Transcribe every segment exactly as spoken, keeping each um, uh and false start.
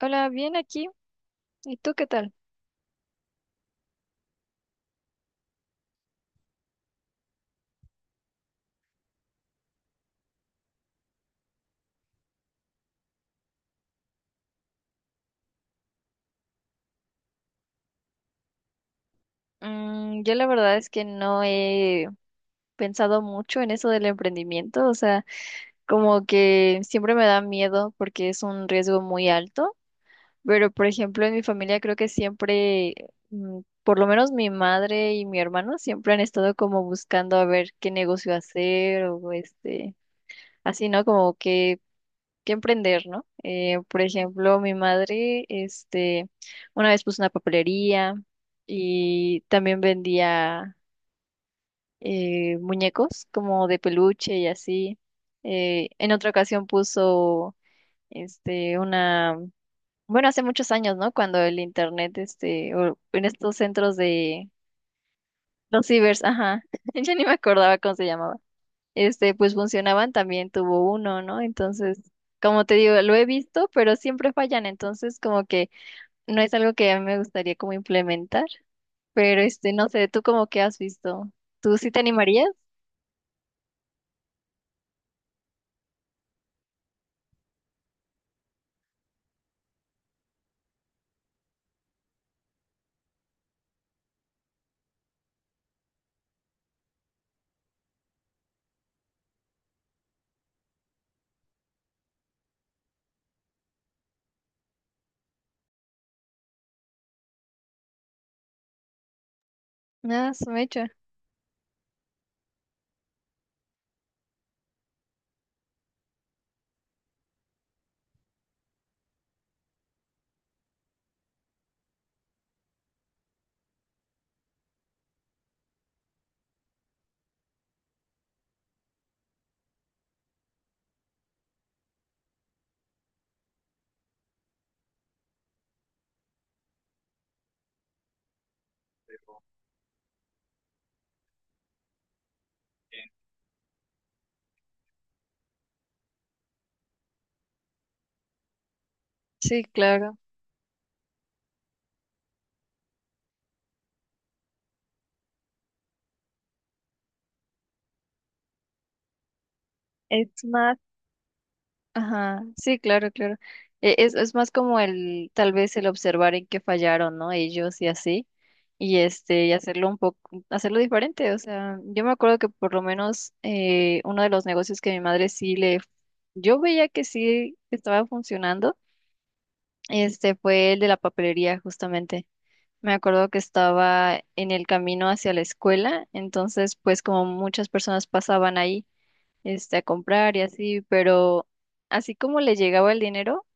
Hola, bien aquí. ¿Y tú qué tal? Mm, yo la verdad es que no he pensado mucho en eso del emprendimiento, o sea, como que siempre me da miedo porque es un riesgo muy alto, pero por ejemplo en mi familia creo que siempre, mm, por lo menos mi madre y mi hermano siempre han estado como buscando a ver qué negocio hacer o este, así, ¿no? Como que que emprender, ¿no? Eh, por ejemplo, mi madre, este, una vez puso una papelería y también vendía eh, muñecos como de peluche y así. Eh, en otra ocasión puso, este, una, bueno, hace muchos años, ¿no? Cuando el internet, este, o en estos centros de los cibers, ajá, ya ni me acordaba cómo se llamaba este, pues funcionaban, también tuvo uno, ¿no? Entonces, como te digo, lo he visto, pero siempre fallan, entonces como que no es algo que a mí me gustaría como implementar, pero este, no sé, ¿tú como que has visto? ¿Tú sí te animarías? Ah, su mecha. Sí, claro. Es más. Ajá, sí, claro, claro. E- Es, es más como el, tal vez el observar en qué fallaron, ¿no? Ellos y así. Y este, y hacerlo un poco, hacerlo diferente. O sea, yo me acuerdo que por lo menos eh, uno de los negocios que mi madre sí le, yo veía que sí estaba funcionando, este fue el de la papelería, justamente. Me acuerdo que estaba en el camino hacia la escuela, entonces pues como muchas personas pasaban ahí este, a comprar y así, pero así como le llegaba el dinero,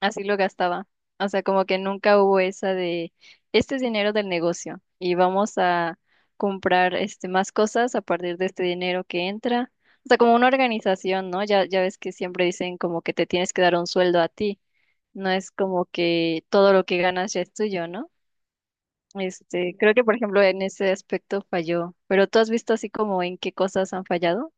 así lo gastaba. O sea, como que nunca hubo esa de, este es dinero del negocio y vamos a comprar este, más cosas a partir de este dinero que entra. O sea, como una organización, ¿no? Ya, ya ves que siempre dicen como que te tienes que dar un sueldo a ti. No es como que todo lo que ganas ya es tuyo, ¿no? Este, creo que por ejemplo en ese aspecto falló, pero ¿tú has visto así como en qué cosas han fallado?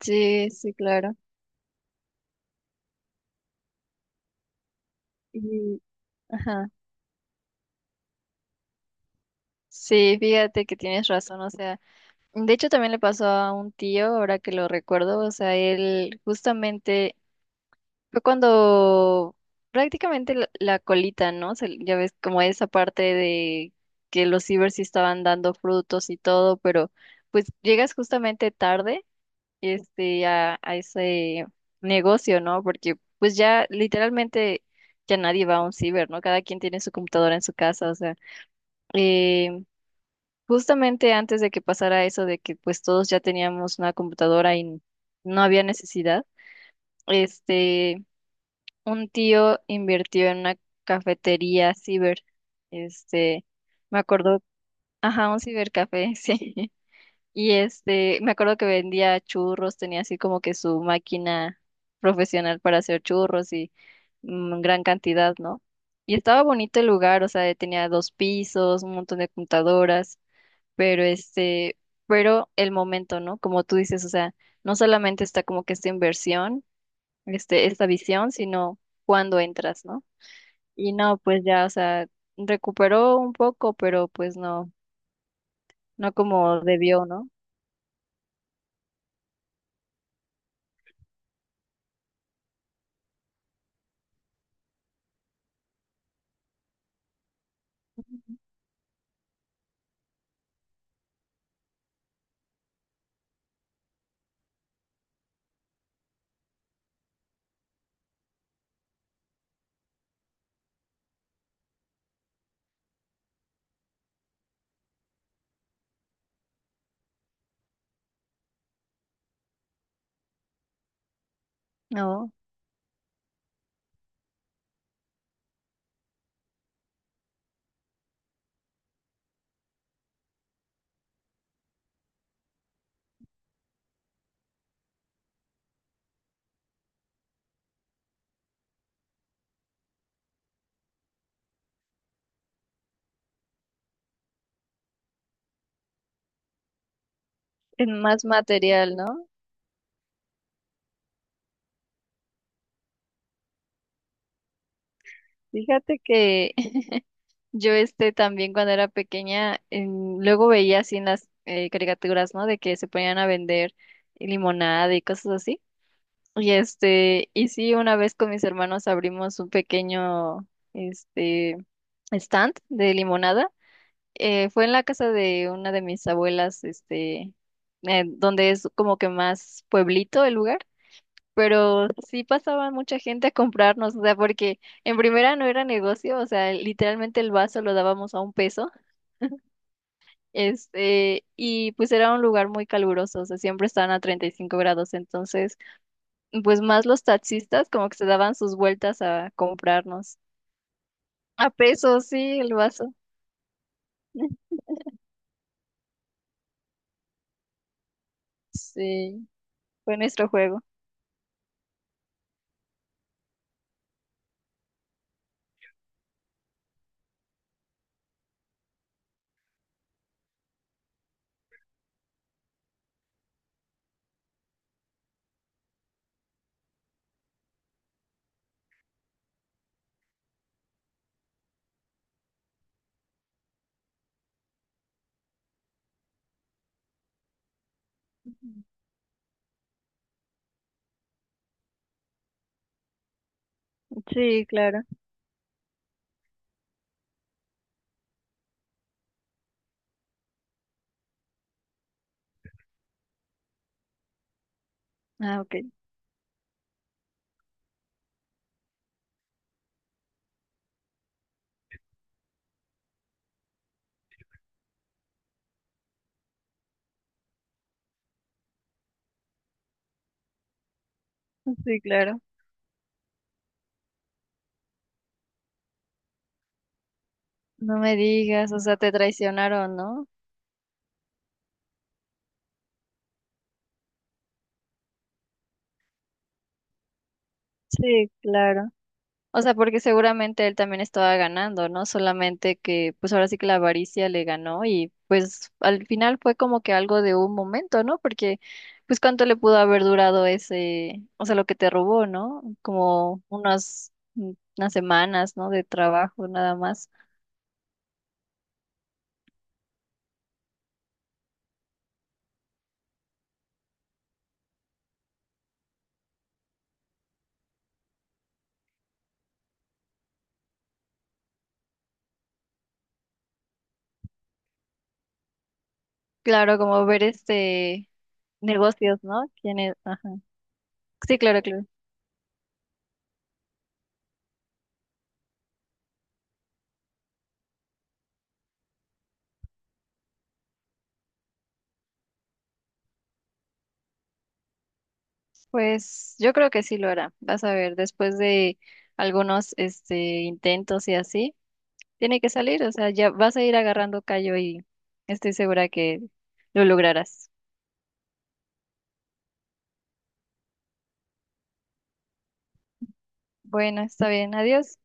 Sí, sí, claro. Y, ajá. Sí, fíjate que tienes razón, o sea, de hecho también le pasó a un tío, ahora que lo recuerdo, o sea, él justamente fue cuando prácticamente la, la colita, ¿no? Se- ya ves como esa parte de que los cibers sí estaban dando frutos y todo, pero pues llegas justamente tarde, este, a, a ese negocio, ¿no? Porque pues ya literalmente ya nadie va a un ciber, ¿no? Cada quien tiene su computadora en su casa, o sea. eh, Justamente antes de que pasara eso de que pues todos ya teníamos una computadora y no había necesidad, este, un tío invirtió en una cafetería ciber, este, me acuerdo, ajá, un cibercafé, sí, y este, me acuerdo que vendía churros, tenía así como que su máquina profesional para hacer churros y mm, gran cantidad, ¿no? Y estaba bonito el lugar, o sea, tenía dos pisos, un montón de computadoras pero este, pero el momento, ¿no? Como tú dices, o sea, no solamente está como que esta inversión, este, esta visión, sino cuando entras, ¿no? Y no, pues ya, o sea, recuperó un poco, pero pues no, no como debió, ¿no? No, es más material, ¿no? Fíjate que yo este también cuando era pequeña, em, luego veía así en las eh, caricaturas, ¿no? De que se ponían a vender limonada y cosas así. Y este, y sí, una vez con mis hermanos abrimos un pequeño, este, stand de limonada. Eh, fue en la casa de una de mis abuelas, este, eh, donde es como que más pueblito el lugar. Pero sí pasaba mucha gente a comprarnos, o sea, porque en primera no era negocio, o sea, literalmente el vaso lo dábamos a un peso, este, y pues era un lugar muy caluroso, o sea, siempre estaban a treinta y cinco grados, entonces pues más los taxistas como que se daban sus vueltas a comprarnos. A pesos, sí, el vaso. Sí, fue nuestro juego. Sí, claro. Ah, ok. Sí, claro. No me digas, o sea, te traicionaron, ¿no? Sí, claro. O sea, porque seguramente él también estaba ganando, ¿no? Solamente que pues ahora sí que la avaricia le ganó y pues al final fue como que algo de un momento, ¿no? Porque pues cuánto le pudo haber durado ese, o sea, lo que te robó, ¿no? Como unas, unas semanas, ¿no? De trabajo nada más. Claro, como ver este negocios, ¿no? ¿Quién es? Ajá. Sí, claro, claro. Pues yo creo que sí lo hará. Vas a ver, después de algunos este intentos y así. Tiene que salir, o sea, ya vas a ir agarrando callo y estoy segura que lo lograrás. Bueno, está bien, adiós.